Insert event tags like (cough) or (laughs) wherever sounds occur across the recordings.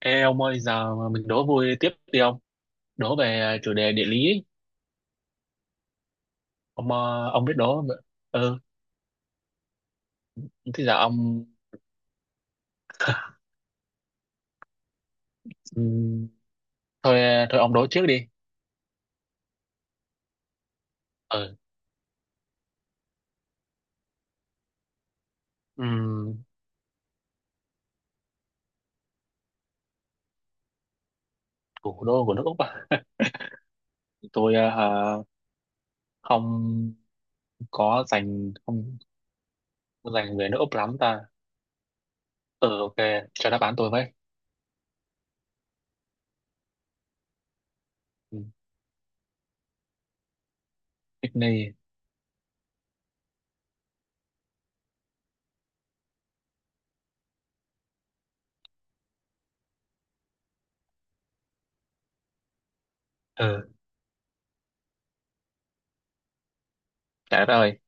Ê ông ơi, giờ mà mình đố vui tiếp đi ông. Đố về chủ đề địa lý ấy. Ông biết đố mà. Ừ, thế giờ ông. (laughs) Ừm, thôi thôi ông đố trước đi. Ừ. Ừm, Thủ đô của nước Úc à? (laughs) Tôi hả, không không có dành về nước Úc lắm ta. Ừ, ok, cho đáp án tôi với. Ừ, Sydney. Ừ, trời đất ơi,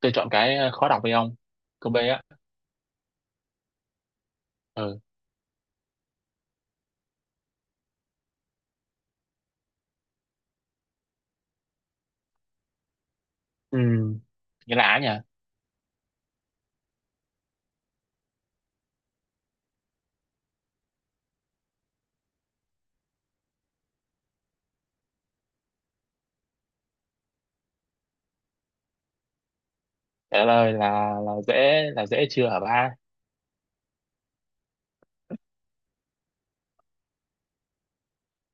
tôi chọn cái khó đọc đi ông. Câu B á. Ừ. Ừm, Nghĩa là á nhỉ? Trời đất ơi là dễ là dễ chưa hả ba?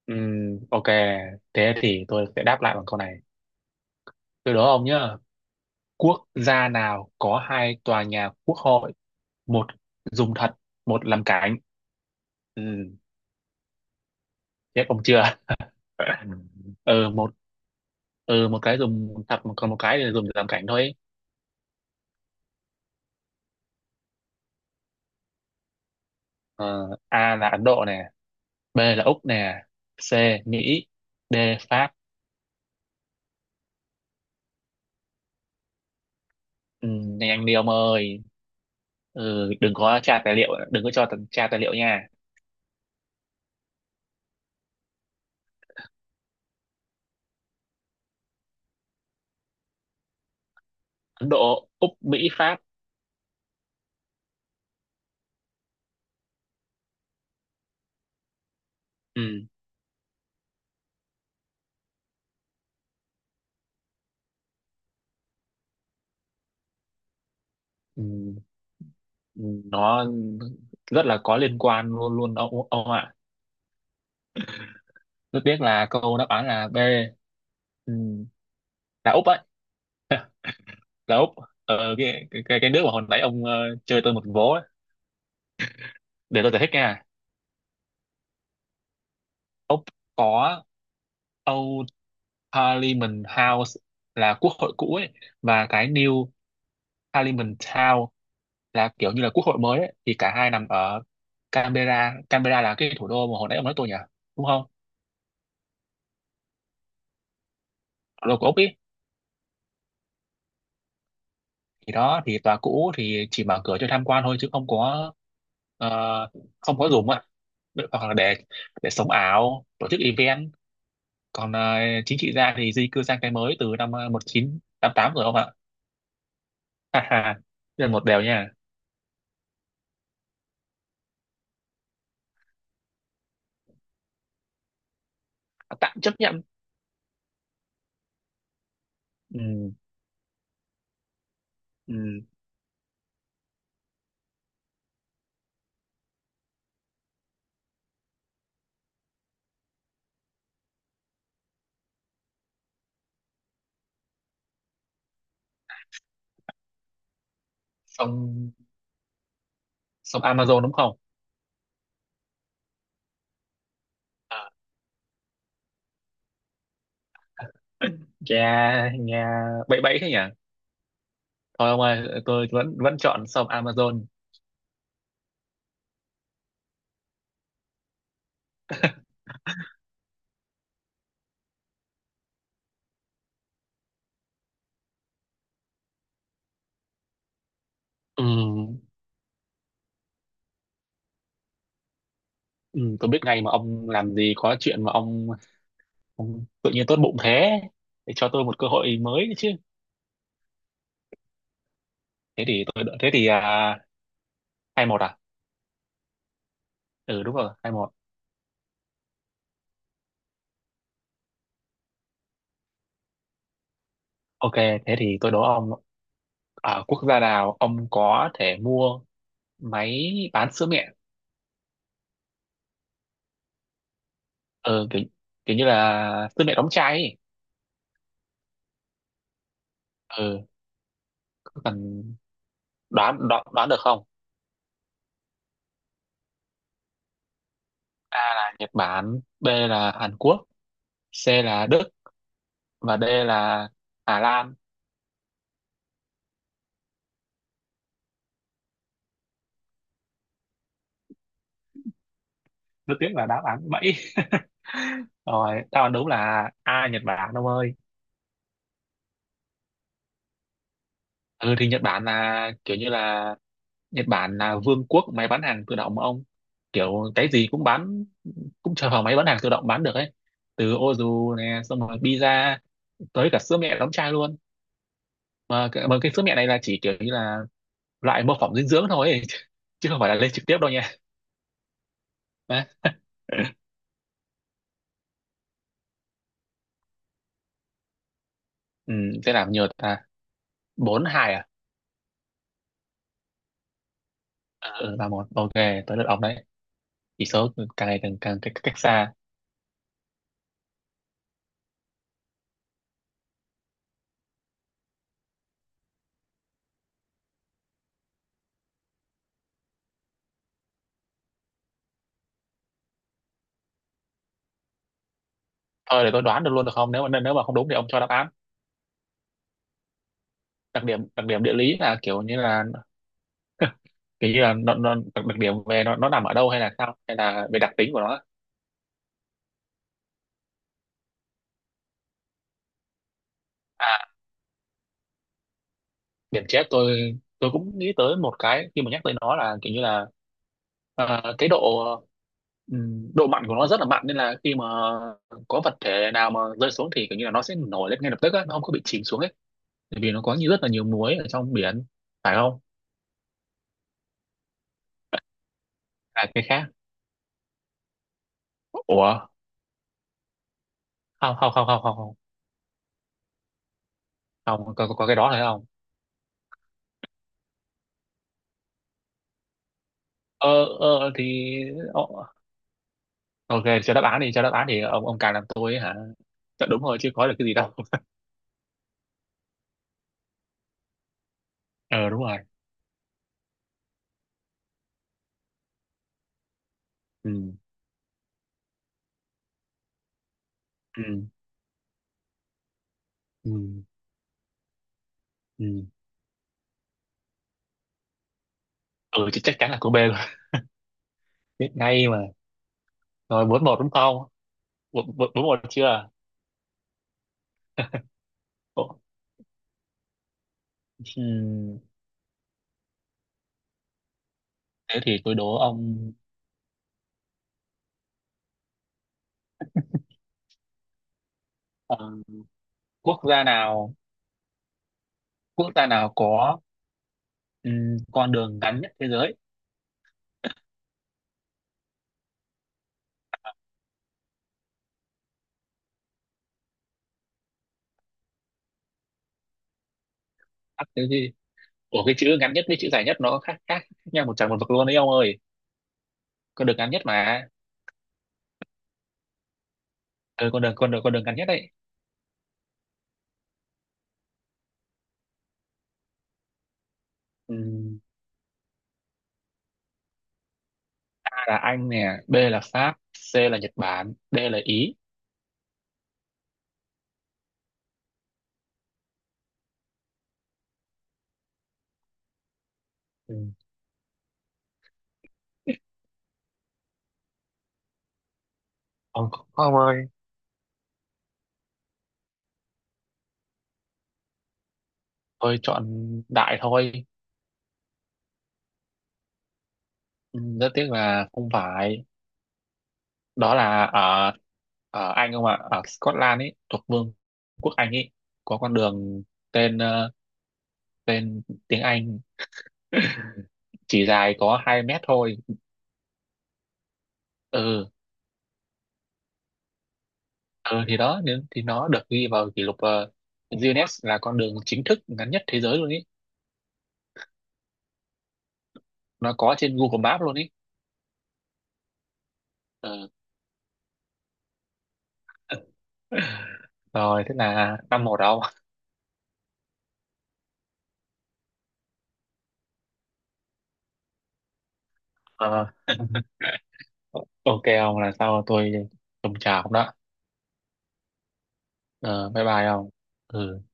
Ok, thế thì tôi sẽ đáp lại bằng câu này. Từ đó ông nhá, quốc gia nào có hai tòa nhà quốc hội, một dùng thật, một làm cảnh. Ừm, Chết ông chưa? (laughs) ừ, một ừ, một cái dùng thật, còn một cái thì dùng để làm cảnh thôi. Ờ, A là Ấn Độ nè, B là Úc nè, C Mỹ, D Pháp. Nhanh đi ông ơi. Ừ, đừng có tra tài liệu, đừng có cho tra tài liệu nha. Ấn Độ, Úc, Mỹ, Pháp. Ừm, Ừ. Nó rất là có liên quan luôn luôn ông ạ. Tôi biết là câu đáp án là B, ừ, là Úc ấy, là Úc ờ, cái nước mà hồi nãy ông chơi tôi một vố ấy. Để tôi giải thích nha. Úc có Old Parliament House là quốc hội cũ ấy, và cái New Parliament Town là kiểu như là quốc hội mới ấy. Thì cả hai nằm ở Canberra. Canberra là cái thủ đô mà hồi nãy ông nói tôi nhỉ, đúng không? Thủ đô của Úc ý. Thì đó thì tòa cũ thì chỉ mở cửa cho tham quan thôi, chứ ờ, không có dùng ạ, hoặc là để sống ảo tổ chức event. Còn chính trị gia thì di cư sang cái mới từ năm 1988 rồi ông ạ. Ha ha. Đây là một điều nha. Tạm chấp nhận. Ừ, ừ. sông sông Amazon đúng không? À, nghe nghe bậy bậy thế nhỉ. Thôi ông ơi, tôi vẫn vẫn chọn sông Amazon. Ừ, ừ, tôi biết ngay mà, ông làm gì có chuyện mà ông. Không, tự nhiên tốt bụng thế để cho tôi một cơ hội mới chứ. Thế thì tôi đợi, thế thì 2-1 à? Ừ, đúng rồi, 2-1. Ok, thế thì tôi đố ông, ở quốc gia nào ông có thể mua máy bán sữa mẹ. Ừ, kiểu như là sữa mẹ đóng chai ấy. Ừ, cứ cần đoán, đoán đoán được không? A là Nhật Bản, B là Hàn Quốc, C là Đức và D là Hà Lan. Rất tiếc là đáp án bẫy. (laughs) Rồi, đáp án đúng là A, Nhật Bản ông ơi. Ừ thì Nhật Bản là kiểu như là Nhật Bản là vương quốc máy bán hàng tự động mà ông. Kiểu cái gì cũng bán, cũng chờ vào máy bán hàng tự động bán được ấy. Từ ô dù nè, xong rồi pizza, tới cả sữa mẹ đóng chai luôn. Mà, mà cái sữa mẹ này là chỉ kiểu như là loại mô phỏng dinh dưỡng thôi ấy. (laughs) Chứ không phải là lên trực tiếp đâu nha. Đấy. Ừ, sẽ làm nhiều ta, 4-2 à? Ờ, ừ, 3-1, ok, tới lượt ông đấy. Chỉ số càng ngày càng càng cách xa. Thôi để tôi đoán được luôn được không, nếu mà không đúng thì ông cho đáp án. Đặc điểm địa lý là kiểu như là nó đặc đặc điểm về nó nằm ở đâu, hay là sao, hay là về đặc tính của nó. À, điểm chết, tôi cũng nghĩ tới một cái khi mà nhắc tới nó, là kiểu như là ờ, cái độ độ mặn của nó rất là mặn, nên là khi mà có vật thể nào mà rơi xuống thì kiểu như là nó sẽ nổi lên ngay lập tức á, nó không có bị chìm xuống ấy, bởi vì nó có như rất là nhiều muối ở trong biển, phải không? À, cái khác. Ủa, không không không không không không, không có cái đó phải không? Ờ thì ờ, ok, cho đáp án thì ông càng làm tôi ấy hả. Chắc đúng rồi chứ, có được cái gì đâu. (laughs) Ờ Đúng rồi. Ừ, ừ, ừ, ừ, ừ. Chứ chắc chắn là cô B rồi. (laughs) Biết ngay mà. Rồi, 4-1 đúng không? Bốn bốn- 4-1 chưa? Ồ, ừm, thế thì tôi đố ông ờ, quốc gia nào quốc gia nào có con đường ngắn nhất thế giới. À, cái gì? Ủa, cái chữ ngắn nhất với chữ dài nhất nó khác khác, khác nhau một trời một vực luôn đấy ông ơi. Con đường ngắn nhất mà. Ừ, con đường ngắn nhất. Đấy. A là Anh nè, B là Pháp, C là Nhật Bản, D là Ý. Ừ. Ông Không ơi, tôi chọn đại thôi. Ừ, rất tiếc là không phải. Đó là ở ở Anh không ạ, ở Scotland ấy thuộc Vương quốc Anh ấy, có con đường tên ờ, tên tiếng Anh (laughs) chỉ dài có 2 mét thôi. Ừ, ừ thì đó, nên thì nó được ghi vào kỷ lục Guinness, là con đường chính thức ngắn nhất thế giới luôn ý. Nó có trên Google Maps luôn ý. Rồi, thế là 5-1 đâu. Ờ, (laughs) ok ông là sao, tôi trồng trà không đó. Ờ, bye bye ông. Ừ.